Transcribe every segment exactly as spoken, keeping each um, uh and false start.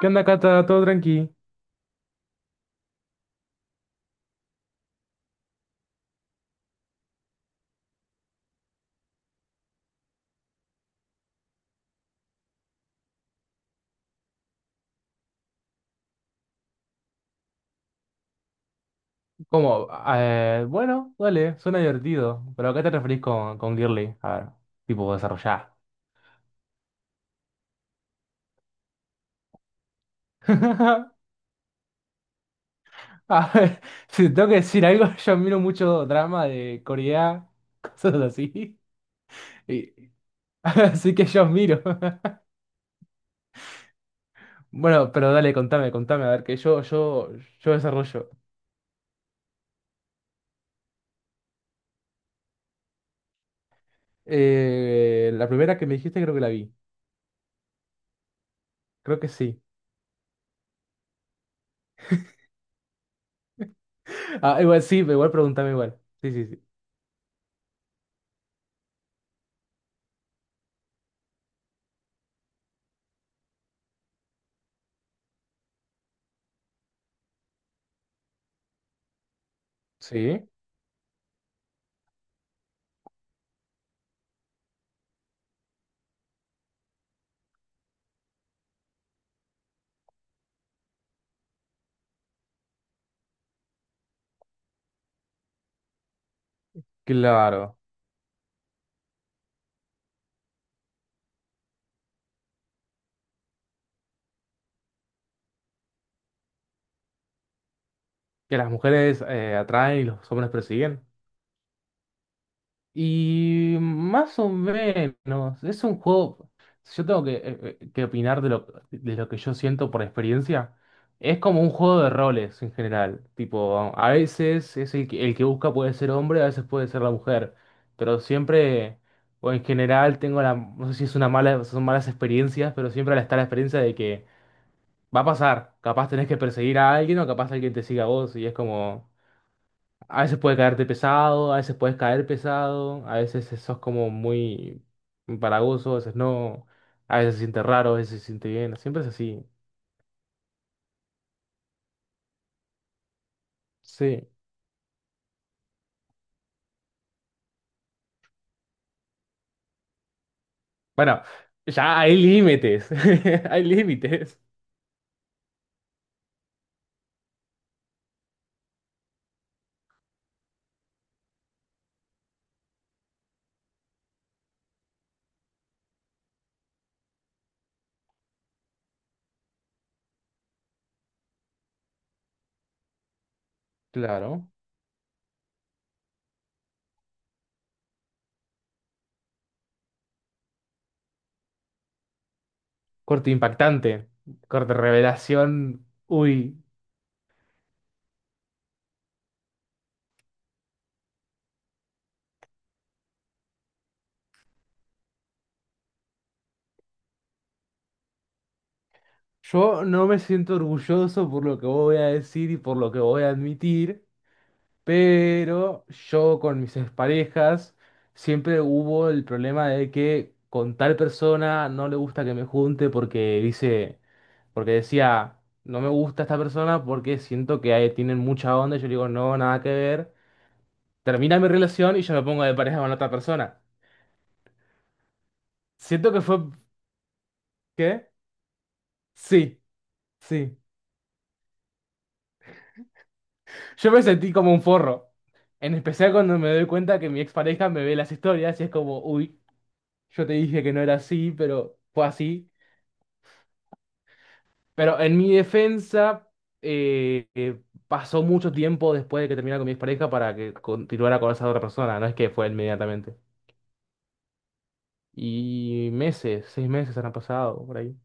¿Qué onda, Cata? ¿Todo tranqui? ¿Cómo? Eh, bueno, Dale, suena divertido. Pero ¿a qué te referís con, con girly? A ver, tipo, desarrollá. A ver, si tengo que decir algo, yo miro mucho drama de Corea, cosas así. Y- así que yo miro. Bueno, pero dale, contame, contame, a ver, que yo, yo, yo desarrollo. Eh, la primera que me dijiste creo que la vi. Creo que sí. Ah, igual sí, igual pregúntame igual. Sí, sí, sí. Sí, claro. Que las mujeres eh, atraen y los hombres persiguen. Y más o menos, es un juego, si yo tengo que, eh, eh, que opinar de lo, de lo que yo siento por experiencia, es como un juego de roles en general. Tipo, a a veces es el que, el que busca puede ser hombre, a veces puede ser la mujer, pero siempre, o en general, tengo la, no sé si es una mala, son malas experiencias, pero siempre está la experiencia de que va a pasar, capaz tenés que perseguir a alguien o capaz alguien te siga a vos y es como... A veces puede caerte pesado, a veces puedes caer pesado, a veces sos como muy empalagoso, a veces no, a veces se siente raro, a veces se siente bien, siempre es así. Sí. Bueno, ya hay límites, hay límites. Claro. Corte impactante, corte revelación. Uy, yo no me siento orgulloso por lo que voy a decir y por lo que voy a admitir. Pero yo con mis exparejas siempre hubo el problema de que con tal persona no le gusta que me junte porque dice, porque decía, no me gusta esta persona porque siento que ahí tienen mucha onda. Y yo le digo, no, nada que ver. Termina mi relación y yo me pongo de pareja con otra persona. Siento que fue, ¿qué? Sí, sí. Yo me sentí como un forro. En especial cuando me doy cuenta que mi expareja me ve las historias y es como, uy, yo te dije que no era así, pero fue así. Pero en mi defensa, eh, eh, pasó mucho tiempo después de que terminara con mi expareja para que continuara con esa otra persona, no es que fue inmediatamente. Y meses, seis meses han pasado por ahí.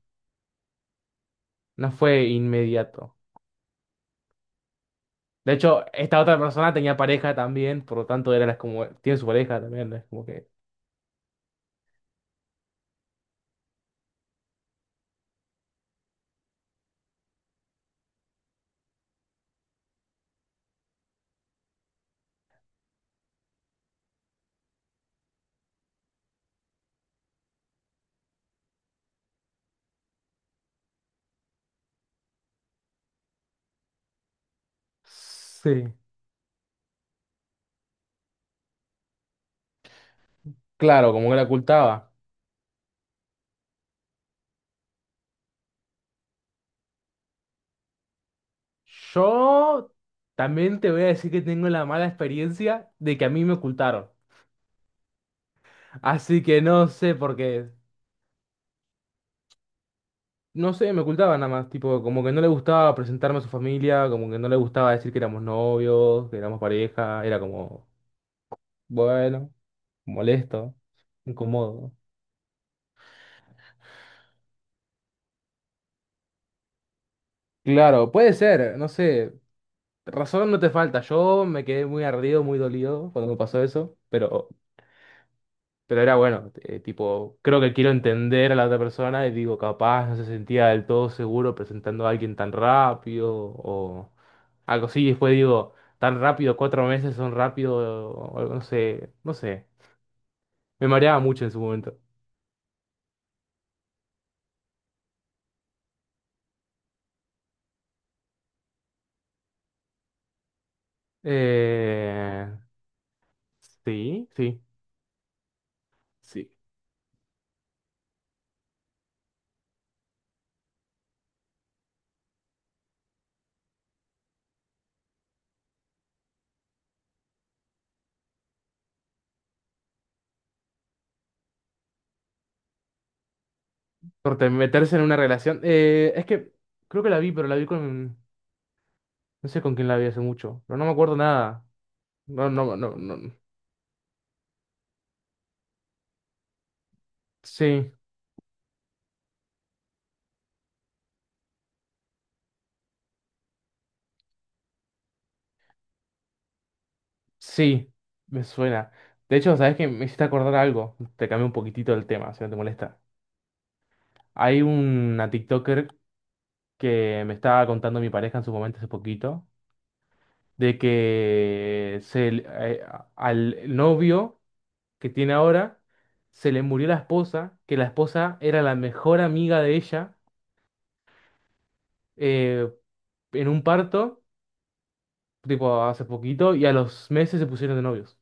No fue inmediato. De hecho, esta otra persona tenía pareja también, por lo tanto era las como, tiene su pareja también, ¿no? Es como que... Sí, claro, como que la ocultaba. Yo también te voy a decir que tengo la mala experiencia de que a mí me ocultaron. Así que no sé por qué. No sé, me ocultaba nada más, tipo, como que no le gustaba presentarme a su familia, como que no le gustaba decir que éramos novios, que éramos pareja, era como, bueno, molesto, incómodo. Claro, puede ser, no sé, razón no te falta, yo me quedé muy ardido, muy dolido cuando me pasó eso, pero Pero era bueno, eh, tipo, creo que quiero entender a la otra persona y digo, capaz no se sentía del todo seguro presentando a alguien tan rápido o algo así. Y después digo, tan rápido, cuatro meses son rápido, o algo, no sé, no sé. Me mareaba mucho en su momento. Eh, sí, sí, sí. Corte, meterse en una relación. Eh, es que creo que la vi, pero la vi con, no sé con quién la vi hace mucho, pero no me acuerdo nada. No, no, no, no. Sí. Sí, me suena. De hecho, ¿sabes qué? Me hiciste acordar algo. Te cambié un poquitito el tema, si no te molesta. Hay una TikToker que me estaba contando mi pareja en su momento hace poquito, de que se, le- eh, a- al novio que tiene ahora se le murió la esposa, que la esposa era la mejor amiga de ella eh, en un parto, tipo hace poquito, y a los meses se pusieron de novios.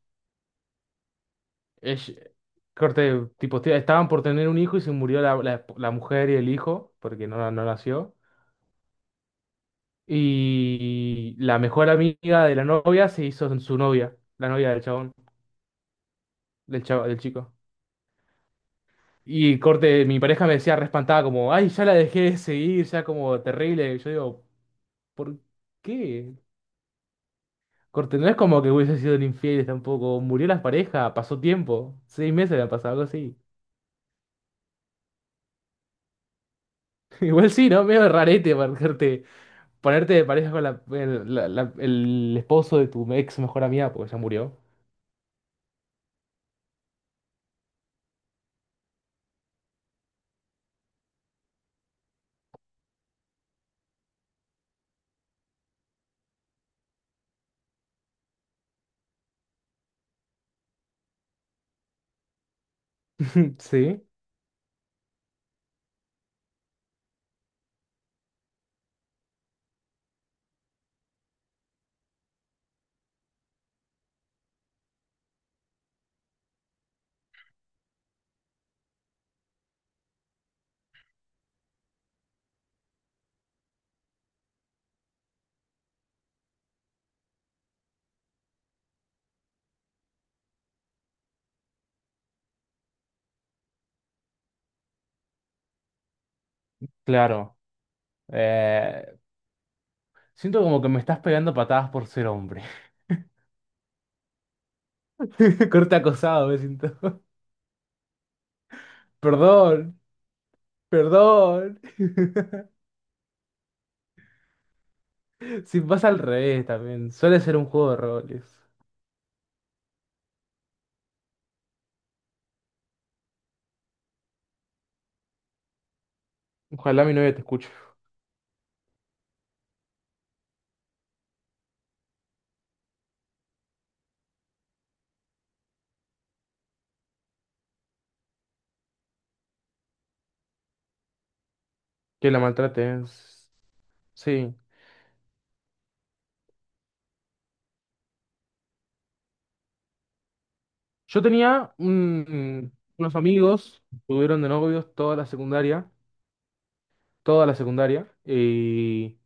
Es, corte, tipo, te- estaban por tener un hijo y se murió la, la- la mujer y el hijo, porque no, no nació. Y la mejor amiga de la novia se hizo su novia, la novia del chabón, del chavo, del chico. Y corte, mi pareja me decía respantada como, ay, ya la dejé de seguir, ya como terrible. Y yo digo, ¿por qué? Corte, no es como que hubiese sido infieles tampoco. Murió la pareja, pasó tiempo. Seis meses le han pasado, algo así. Igual sí, ¿no? Medio rarete, marcarte. Ponerte de pareja con la- el, la- la- el esposo de tu ex mejor amiga, porque ya murió. Sí, claro. Eh, Siento como que me estás pegando patadas por ser hombre. Corte acosado, me siento. Perdón, perdón. Si pasa al revés también. Suele ser un juego de roles. Ojalá mi novia te escuche. Que la maltrates. Sí. Yo tenía un- unos amigos, estuvieron de novios toda la secundaria. Toda la secundaria. Y.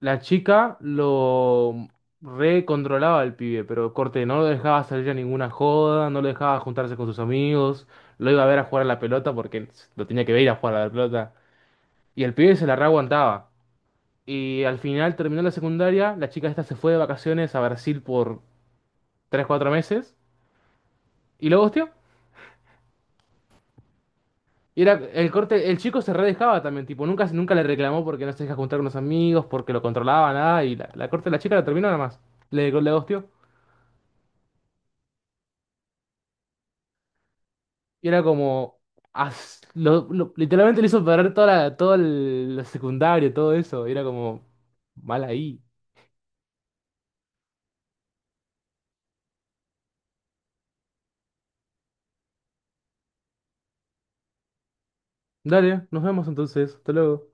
La chica lo recontrolaba al pibe, pero corte, no lo dejaba salir a ninguna joda, no lo dejaba juntarse con sus amigos, lo iba a ver a jugar a la pelota porque lo tenía que ver ir a jugar a la pelota. Y el pibe se la reaguantaba. Y al final terminó la secundaria, la chica esta se fue de vacaciones a Brasil por tres cuatro meses y lo hostió. Y era el corte, el chico se redejaba también, tipo, nunca, nunca le reclamó porque no se deja juntar con los amigos, porque lo controlaba, nada, y la, la corte, la chica la terminó nada más. Le, le ghosteó. Y era como. As- lo- lo- literalmente le hizo perder toda la, todo el, la secundaria, todo eso. Y era como. Mal ahí. Dale, nos vemos entonces. Hasta luego.